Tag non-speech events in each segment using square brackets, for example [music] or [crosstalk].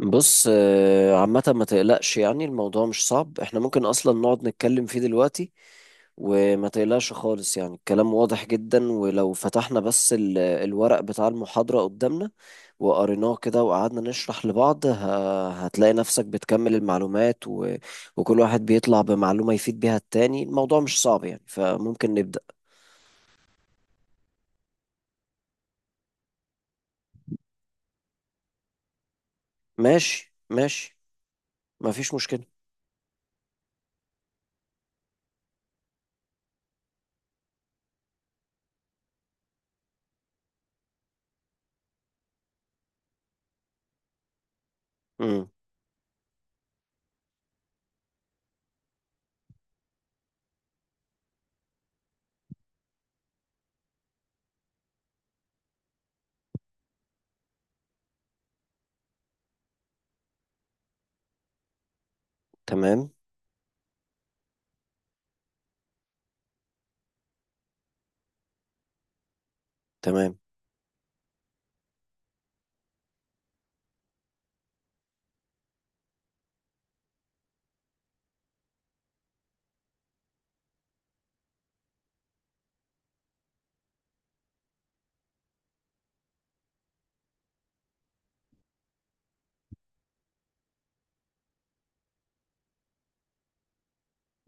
بص عامة ما تقلقش يعني الموضوع مش صعب، احنا ممكن اصلا نقعد نتكلم فيه دلوقتي. وما تقلقش خالص يعني الكلام واضح جدا، ولو فتحنا بس الورق بتاع المحاضرة قدامنا وقريناه كده وقعدنا نشرح لبعض هتلاقي نفسك بتكمل المعلومات وكل واحد بيطلع بمعلومة يفيد بيها التاني. الموضوع مش صعب يعني فممكن نبدأ. ماشي ماشي. ما فيش مشكلة. امم. تمام. تمام،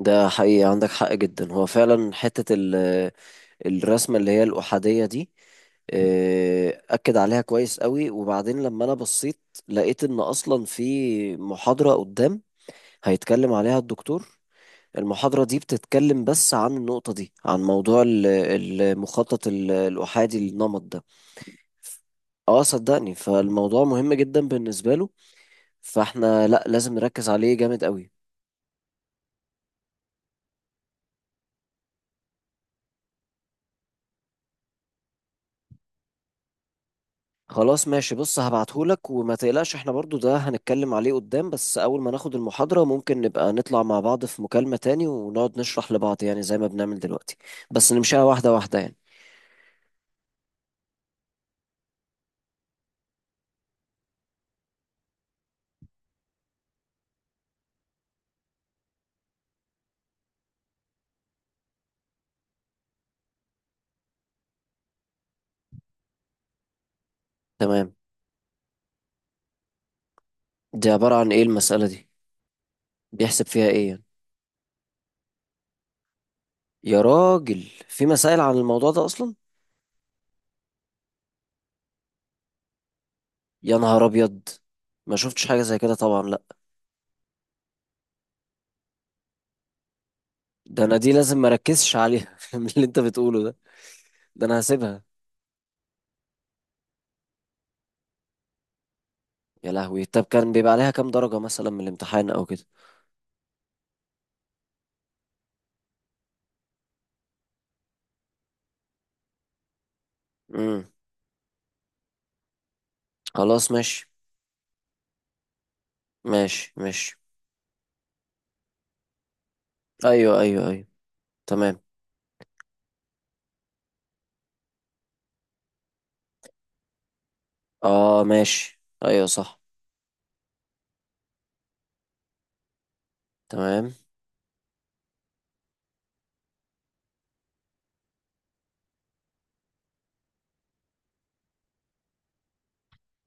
ده حقيقي عندك حق جدا، هو فعلا حتة الرسمة اللي هي الأحادية دي أكد عليها كويس قوي. وبعدين لما أنا بصيت لقيت إن أصلا في محاضرة قدام هيتكلم عليها الدكتور. المحاضرة دي بتتكلم بس عن النقطة دي، عن موضوع المخطط الأحادي النمط ده. اه صدقني، فالموضوع مهم جدا بالنسبة له، فاحنا لا لازم نركز عليه جامد قوي. خلاص ماشي. بص، هبعتهولك وما تقلقش، احنا برضو ده هنتكلم عليه قدام، بس اول ما ناخد المحاضرة ممكن نبقى نطلع مع بعض في مكالمة تاني ونقعد نشرح لبعض يعني زي ما بنعمل دلوقتي. بس نمشيها واحدة واحدة يعني. تمام، دي عبارة عن ايه المسألة دي؟ بيحسب فيها ايه يعني؟ يا راجل، في مسائل عن الموضوع ده اصلا؟ يا نهار ابيض، ما شفتش حاجة زي كده طبعا، لا. ده انا دي لازم مركزش عليها [laughs] من اللي انت بتقوله ده. ده انا هسيبها. يا لهوي، طب كان بيبقى عليها كام درجة مثلا من الامتحان او كده؟ امم. خلاص ماشي. ماشي ماشي. ايوه ايوه ايوه. تمام. اه ماشي ايوه صح. تمام.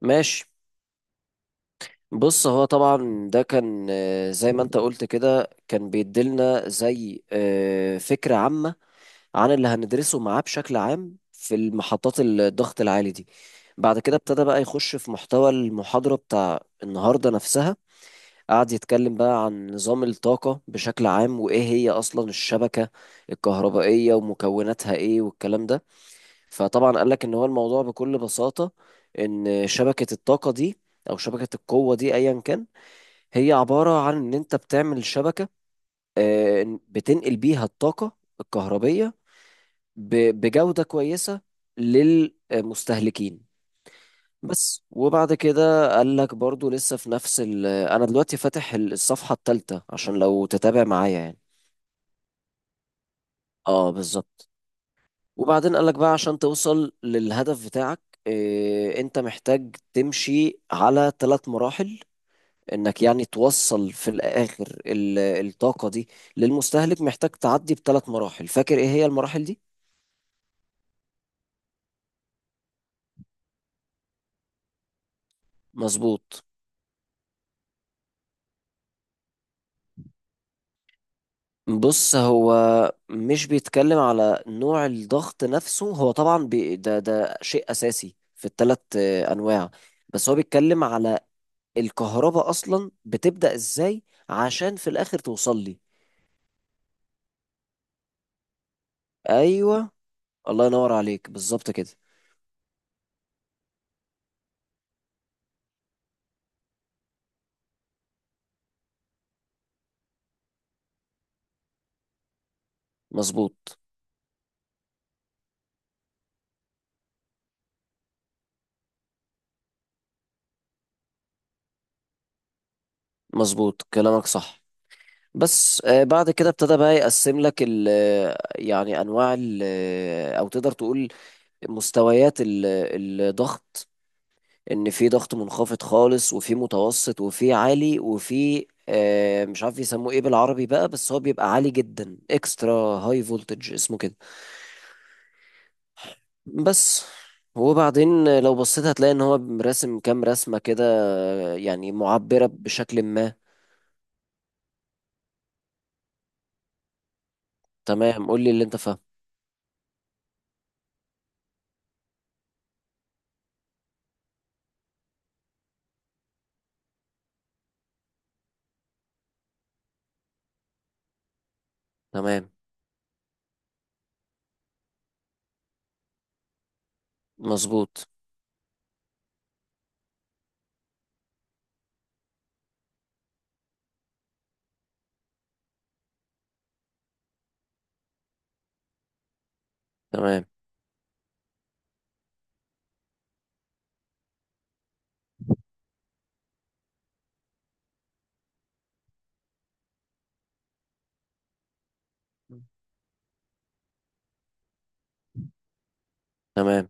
ماشي، بص هو طبعا ده كان، زي ما انت قلت كده، كان بيديلنا زي فكرة عامة عن اللي هندرسه معاه بشكل عام في المحطات الضغط العالي دي. بعد كده ابتدى بقى يخش في محتوى المحاضرة بتاع النهاردة نفسها. قعد يتكلم بقى عن نظام الطاقة بشكل عام، وإيه هي أصلا الشبكة الكهربائية ومكوناتها إيه والكلام ده. فطبعا قال لك ان هو الموضوع بكل بساطة ان شبكة الطاقة دي او شبكة القوة دي ايا كان، هي عبارة عن ان انت بتعمل شبكة إن بتنقل بيها الطاقة الكهربية بجودة كويسة للمستهلكين. بس، وبعد كده قال لك برضو لسه في نفس انا دلوقتي فاتح الصفحة الثالثة عشان لو تتابع معايا يعني. اه بالظبط. وبعدين قالك بقى عشان توصل للهدف بتاعك انت محتاج تمشي على ثلاث مراحل. انك يعني توصل في الاخر الطاقة دي للمستهلك، محتاج تعدي بثلاث مراحل. فاكر ايه هي المراحل دي؟ مظبوط. بص، هو مش بيتكلم على نوع الضغط نفسه، هو طبعا ده شيء اساسي في الثلاث انواع. بس هو بيتكلم على الكهرباء اصلا بتبدأ ازاي عشان في الاخر توصل لي. ايوه. الله ينور عليك، بالظبط كده. مظبوط. مظبوط كلامك صح. بس بعد كده ابتدى بقى يقسم لك ال يعني انواع ال او تقدر تقول مستويات الضغط. ان في ضغط منخفض خالص، وفي متوسط، وفي عالي، وفي مش عارف يسموه ايه بالعربي بقى، بس هو بيبقى عالي جدا اكسترا هاي فولتج اسمه كده. بس. وبعدين لو بصيت هتلاقي ان هو راسم كام رسمة كده، يعني معبرة بشكل ما. تمام قول لي اللي انت فاهمه. تمام. مظبوط. تمام. تمام.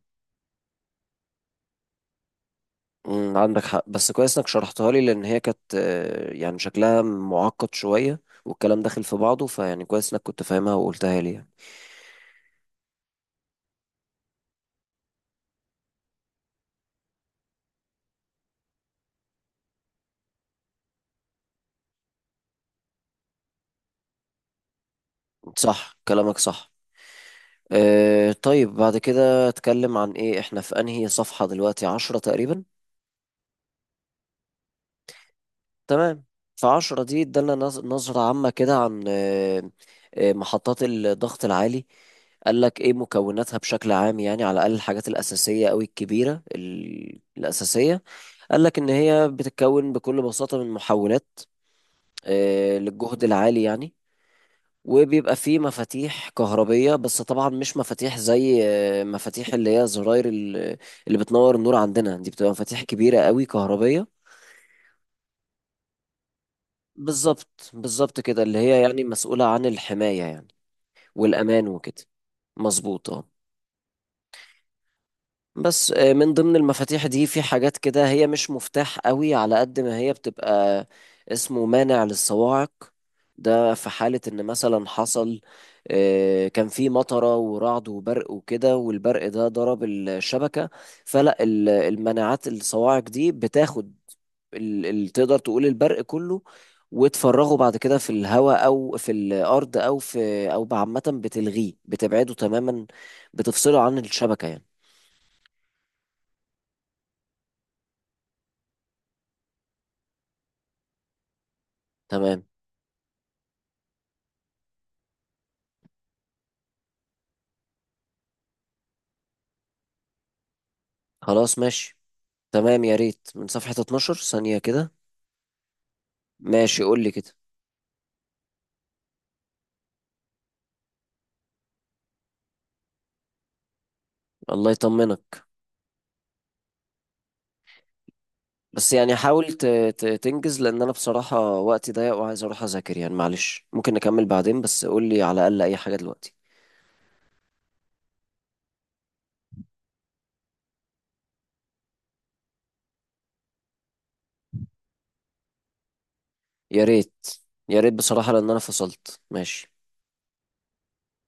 مم، عندك حق، بس كويس انك شرحتها لي لان هي كانت يعني شكلها معقد شوية والكلام داخل في بعضه، فيعني كويس انك كنت فاهمها وقلتها لي يعني. صح كلامك صح. طيب بعد كده اتكلم عن ايه، احنا في انهي صفحة دلوقتي؟ عشرة تقريبا. تمام. فعشرة دي ادالنا نظرة عامة كده عن محطات الضغط العالي. قال لك ايه مكوناتها بشكل عام، يعني على الأقل الحاجات الأساسية أو الكبيرة الأساسية. قال لك إن هي بتتكون بكل بساطة من محولات للجهد العالي يعني. وبيبقى فيه مفاتيح كهربية، بس طبعا مش مفاتيح زي مفاتيح اللي هي زراير اللي بتنور النور عندنا دي، بتبقى مفاتيح كبيرة قوي كهربية. بالظبط بالظبط كده، اللي هي يعني مسؤولة عن الحماية يعني، والأمان وكده. مظبوط اه. بس من ضمن المفاتيح دي في حاجات كده هي مش مفتاح قوي على قد ما هي بتبقى اسمه مانع للصواعق. ده في حالة ان مثلا حصل كان في مطرة ورعد وبرق وكده، والبرق ده ضرب الشبكة، فلا المناعات الصواعق دي بتاخد تقدر تقول البرق كله وتفرغه بعد كده في الهواء او في الارض او في، او عامة بتلغيه بتبعده تماما. بتفصله عن الشبكة يعني. تمام خلاص ماشي. تمام يا ريت، من صفحة 12 ثانية كده. ماشي قول لي كده. الله يطمنك. بس يعني حاول تنجز، لأن أنا بصراحة وقتي ضيق وعايز أروح أذاكر يعني. معلش ممكن نكمل بعدين، بس قول لي على الأقل أي حاجة دلوقتي. يا ريت يا ريت بصراحة، لأن أنا فصلت ماشي